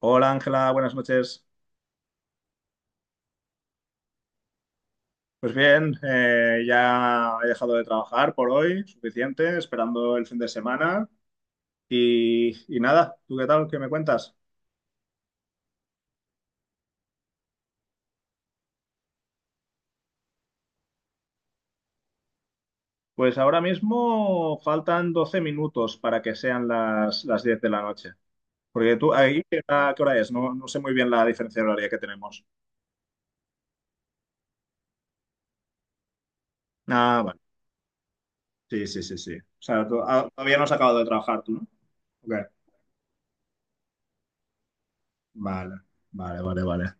Hola Ángela, buenas noches. Pues bien, ya he dejado de trabajar por hoy, suficiente, esperando el fin de semana. Y nada, ¿tú qué tal? ¿Qué me cuentas? Pues ahora mismo faltan 12 minutos para que sean las 10 de la noche. Porque tú, ahí, ¿qué hora es? No, no sé muy bien la diferencia horaria que tenemos. Ah, vale. Sí, sí, sí, sí. O sea, todavía no has acabado de trabajar tú, ¿no? Ok. Vale, vale, vale, vale.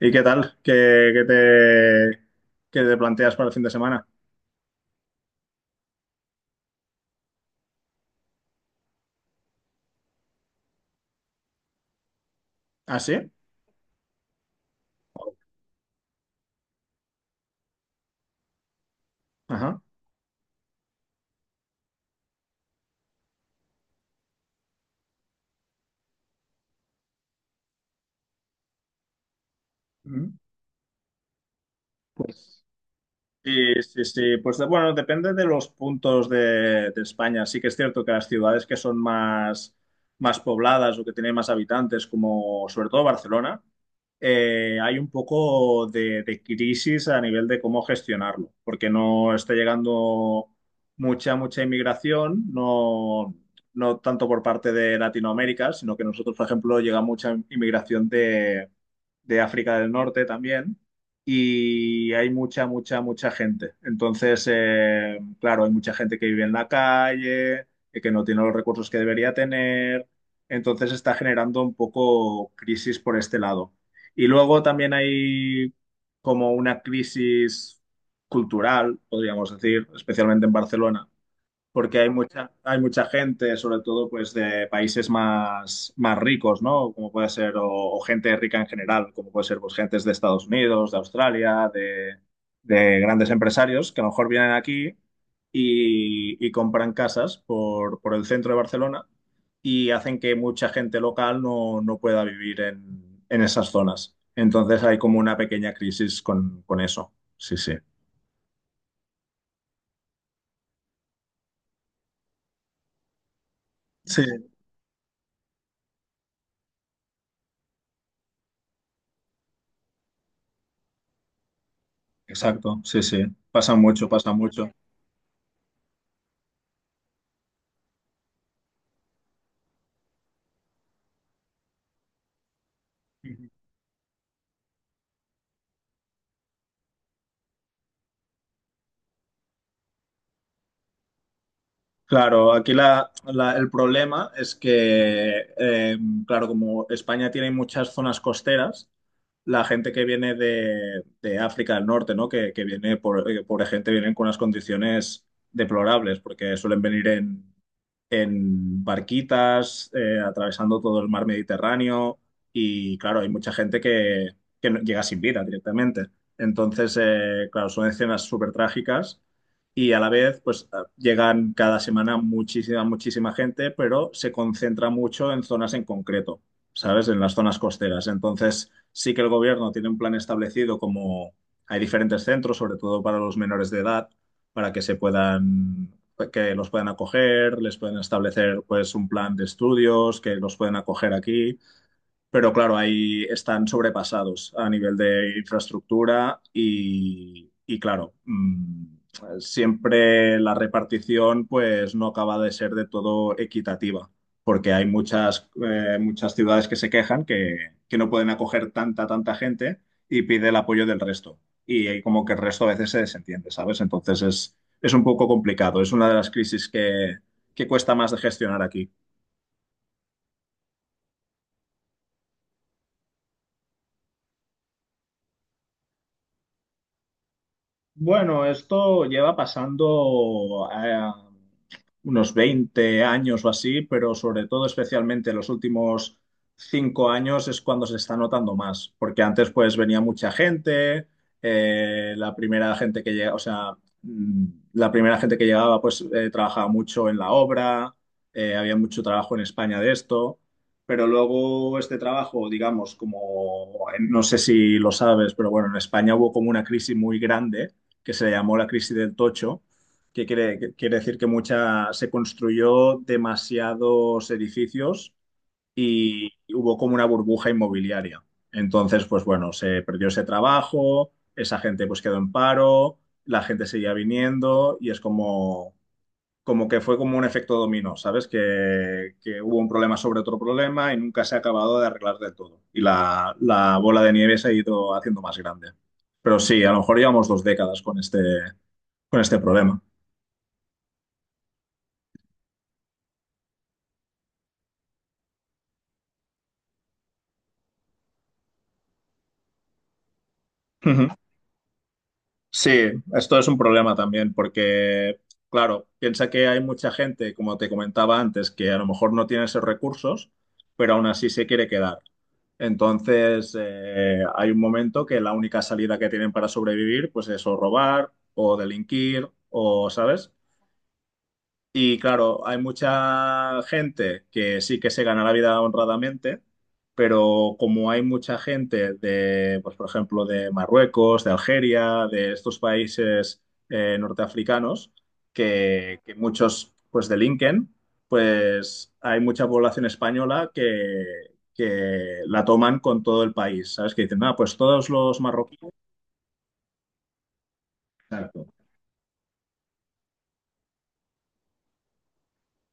¿Y qué tal? ¿Qué te planteas para el fin de semana? ¿Ah, sí? Ajá. Mm. Pues, sí, sí, sí. Pues bueno, depende de los puntos de España. Sí que es cierto que las ciudades que son más pobladas o que tienen más habitantes, como sobre todo Barcelona, hay un poco de crisis a nivel de cómo gestionarlo, porque no está llegando mucha, mucha inmigración, no, no tanto por parte de Latinoamérica, sino que nosotros, por ejemplo, llega mucha inmigración de África del Norte también y hay mucha, mucha, mucha gente. Entonces, claro, hay mucha gente que vive en la calle, que no tiene los recursos que debería tener. Entonces está generando un poco crisis por este lado. Y luego también hay como una crisis cultural, podríamos decir, especialmente en Barcelona, porque hay mucha gente, sobre todo pues de países más, más ricos, ¿no? Como puede ser, o gente rica en general, como puede ser pues gentes de Estados Unidos, de Australia, de grandes empresarios que a lo mejor vienen aquí y compran casas por el centro de Barcelona y hacen que mucha gente local no, no pueda vivir en esas zonas. Entonces hay como una pequeña crisis con eso. Sí, sí. Sí, exacto. Sí, sí. Pasa mucho, pasa mucho. Claro, aquí el problema es que, claro, como España tiene muchas zonas costeras, la gente que viene de África del Norte, ¿no? Que viene, pobre gente, vienen con unas condiciones deplorables, porque suelen venir en barquitas, atravesando todo el mar Mediterráneo, y claro, hay mucha gente que, llega sin vida directamente. Entonces, claro, son escenas súper trágicas y a la vez, pues llegan cada semana muchísima, muchísima gente, pero se concentra mucho en zonas en concreto, ¿sabes? En las zonas costeras. Entonces, sí que el gobierno tiene un plan establecido como hay diferentes centros, sobre todo para los menores de edad, para que se puedan, que los puedan acoger, les pueden establecer, pues, un plan de estudios, que los pueden acoger aquí pero claro, ahí están sobrepasados a nivel de infraestructura y claro, siempre la repartición pues no acaba de ser de todo equitativa, porque hay muchas, muchas ciudades que se quejan que no pueden acoger tanta, tanta gente y pide el apoyo del resto. Y ahí como que el resto a veces se desentiende, ¿sabes? Entonces es un poco complicado, es una de las crisis que cuesta más de gestionar aquí. Bueno, esto lleva pasando unos 20 años o así, pero sobre todo, especialmente los últimos 5 años es cuando se está notando más, porque antes pues venía mucha gente, la primera gente que llega, o sea, la primera gente que llegaba pues trabajaba mucho en la obra, había mucho trabajo en España de esto. Pero luego este trabajo, digamos, como no sé si lo sabes, pero bueno, en España hubo como una crisis muy grande que se llamó la crisis del tocho, que quiere decir que mucha, se construyó demasiados edificios y hubo como una burbuja inmobiliaria. Entonces, pues bueno, se perdió ese trabajo, esa gente pues quedó en paro, la gente seguía viniendo y es como, como que fue como un efecto dominó, ¿sabes? Que hubo un problema sobre otro problema y nunca se ha acabado de arreglar del todo. Y la bola de nieve se ha ido haciendo más grande. Pero sí, a lo mejor llevamos 2 décadas con este problema. Ujú. Sí, esto es un problema también porque, claro, piensa que hay mucha gente, como te comentaba antes, que a lo mejor no tiene esos recursos, pero aún así se quiere quedar. Entonces, hay un momento que la única salida que tienen para sobrevivir, pues es o robar o delinquir o, ¿sabes? Y claro, hay mucha gente que sí que se gana la vida honradamente, pero como hay mucha gente de, pues por ejemplo, de Marruecos, de Algeria, de estos países norteafricanos, que muchos pues delinquen, pues hay mucha población española que la toman con todo el país, ¿sabes? Que dicen, ah, pues todos los marroquíes.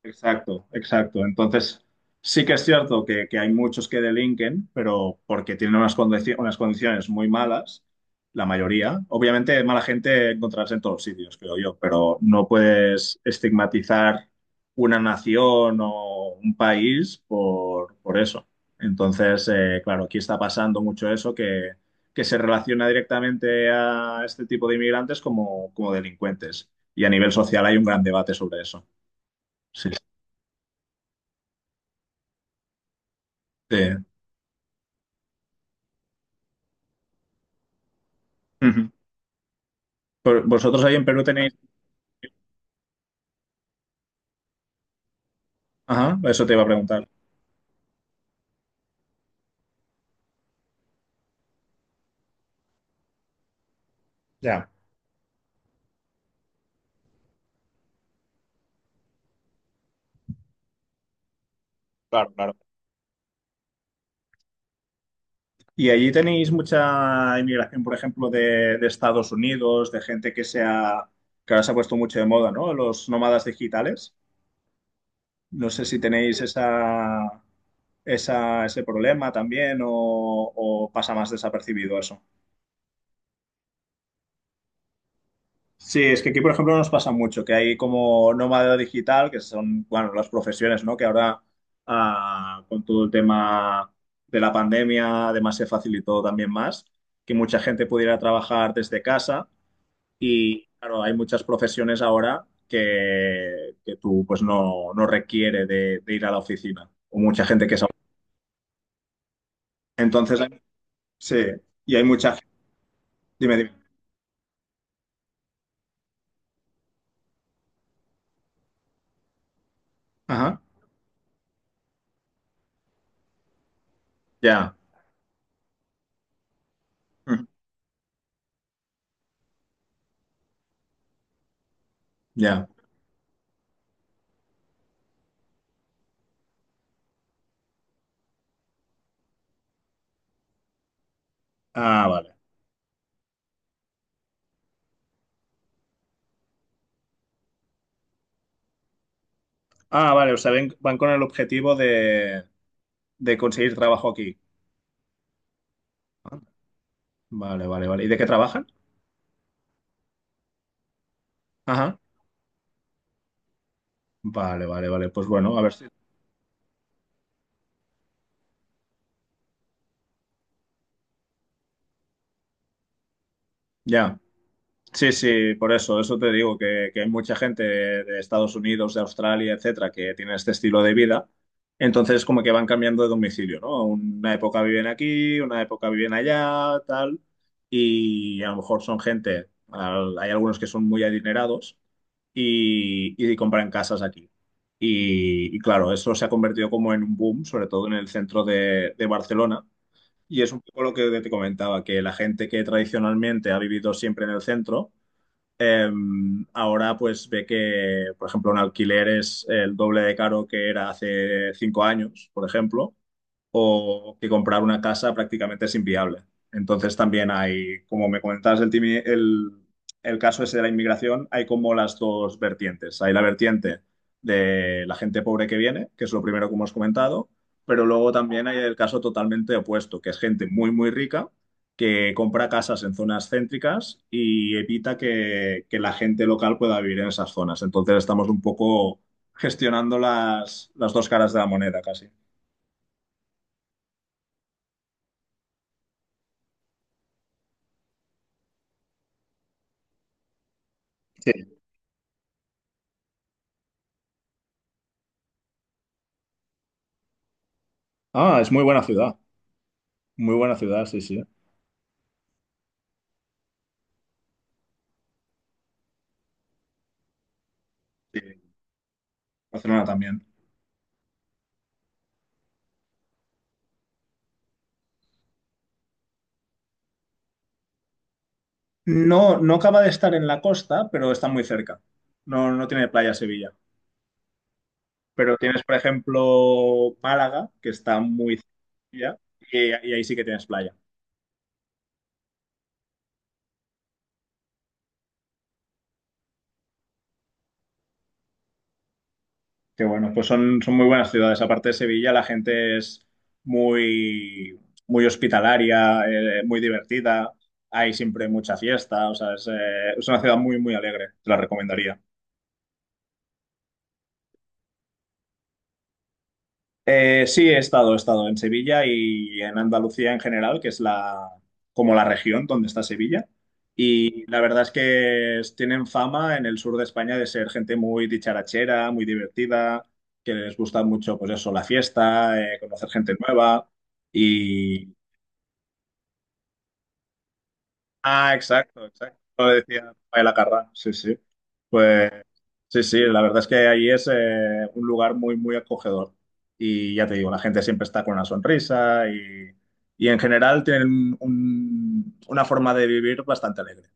Exacto, exacto. Entonces, sí que es cierto que hay muchos que delinquen, pero porque tienen unas, unas condiciones muy malas, la mayoría. Obviamente, mala gente encontrarás en todos sitios, creo yo, pero no puedes estigmatizar una nación o un país por eso. Entonces, claro, aquí está pasando mucho eso que se relaciona directamente a este tipo de inmigrantes como, como delincuentes. Y a nivel social hay un gran debate sobre eso. Sí. Sí, ujú. Vosotros ahí en Perú tenéis... Ajá, eso te iba a preguntar. Ya, claro, claro. ¿Y allí tenéis mucha inmigración, por ejemplo, de Estados Unidos, de gente que sea, que ahora se ha puesto mucho de moda, ¿no? Los nómadas digitales. No sé si tenéis ese problema también o pasa más desapercibido eso. Sí, es que aquí, por ejemplo, nos pasa mucho, que hay como nómada digital, que son, bueno, las profesiones, ¿no? Que ahora, con todo el tema de la pandemia, además se facilitó también más, que mucha gente pudiera trabajar desde casa y, claro, hay muchas profesiones ahora que tú, pues, no, no requiere de ir a la oficina, o mucha gente que es... Entonces, sí, y hay mucha... Dime, dime. Ajá, ya, ujú, ya. Ah, vale. Ah, vale, o sea, van con el objetivo de conseguir trabajo aquí. Ah, vale, vale, vale. ¿Y de qué trabajan? Ajá. Vale, vale, vale. Pues bueno, a ver si... Ya. Sí, sí, por eso, eso te digo, que hay mucha gente de Estados Unidos, de Australia, etcétera, que tiene este estilo de vida. Entonces, como que van cambiando de domicilio, ¿no? Una época viven aquí, una época viven allá, tal. Y a lo mejor son gente, hay algunos que son muy adinerados y compran casas aquí. Y claro, eso se ha convertido como en un boom, sobre todo en el centro de Barcelona. Y es un poco lo que te comentaba, que la gente que tradicionalmente ha vivido siempre en el centro, eh, ahora pues ve que, por ejemplo, un alquiler es el doble de caro que era hace 5 años, por ejemplo o que comprar una casa prácticamente es inviable. Entonces también hay, como me comentabas el, el caso ese de la inmigración, hay como las dos vertientes. Hay la vertiente de la gente pobre que viene, que es lo primero que hemos comentado, pero luego también hay el caso totalmente opuesto, que es gente muy, muy rica que compra casas en zonas céntricas y evita que la gente local pueda vivir en esas zonas. Entonces estamos un poco gestionando las dos caras de la moneda casi. Ah, es muy buena ciudad. Muy buena ciudad, sí, sí. Sí, Barcelona también. No, no acaba de estar en la costa, pero está muy cerca. No, no tiene playa Sevilla. Pero tienes, por ejemplo, Málaga, que está muy cerca, y, y ahí sí que tienes playa. Que bueno, pues son, son muy buenas ciudades. Aparte de Sevilla, la gente es muy, muy hospitalaria, muy divertida. Hay siempre mucha fiesta. O sea, es una ciudad muy, muy alegre. Te la recomendaría. Sí, he estado en Sevilla y en Andalucía en general, que es como la región donde está Sevilla. Y la verdad es que tienen fama en el sur de España de ser gente muy dicharachera, muy divertida, que les gusta mucho, pues eso, la fiesta, conocer gente nueva. Ah, exacto, exacto. Lo decía Paella Carrà, sí, sí. Pues sí, sí, la verdad es que ahí es un lugar muy, muy acogedor. Y ya te digo, la gente siempre está con una sonrisa y en general tienen una forma de vivir bastante alegre.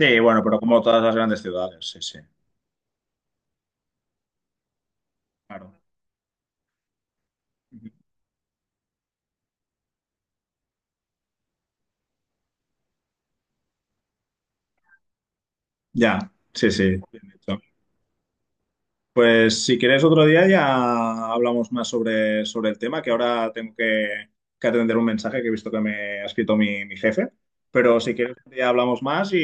Sí, bueno, pero como todas las grandes ciudades, sí, sí, claro. Ya, sí, sí. Pues si quieres otro día ya hablamos más sobre el tema, que ahora tengo que atender un mensaje que he visto que me ha escrito mi jefe. Pero si quieres ya hablamos más y,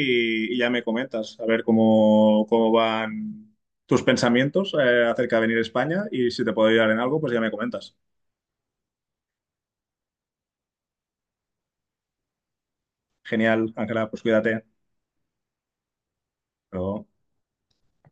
y ya me comentas, a ver cómo van tus pensamientos acerca de venir a España y si te puedo ayudar en algo, pues ya me comentas. Genial, Ángela, pues cuídate. Hasta luego.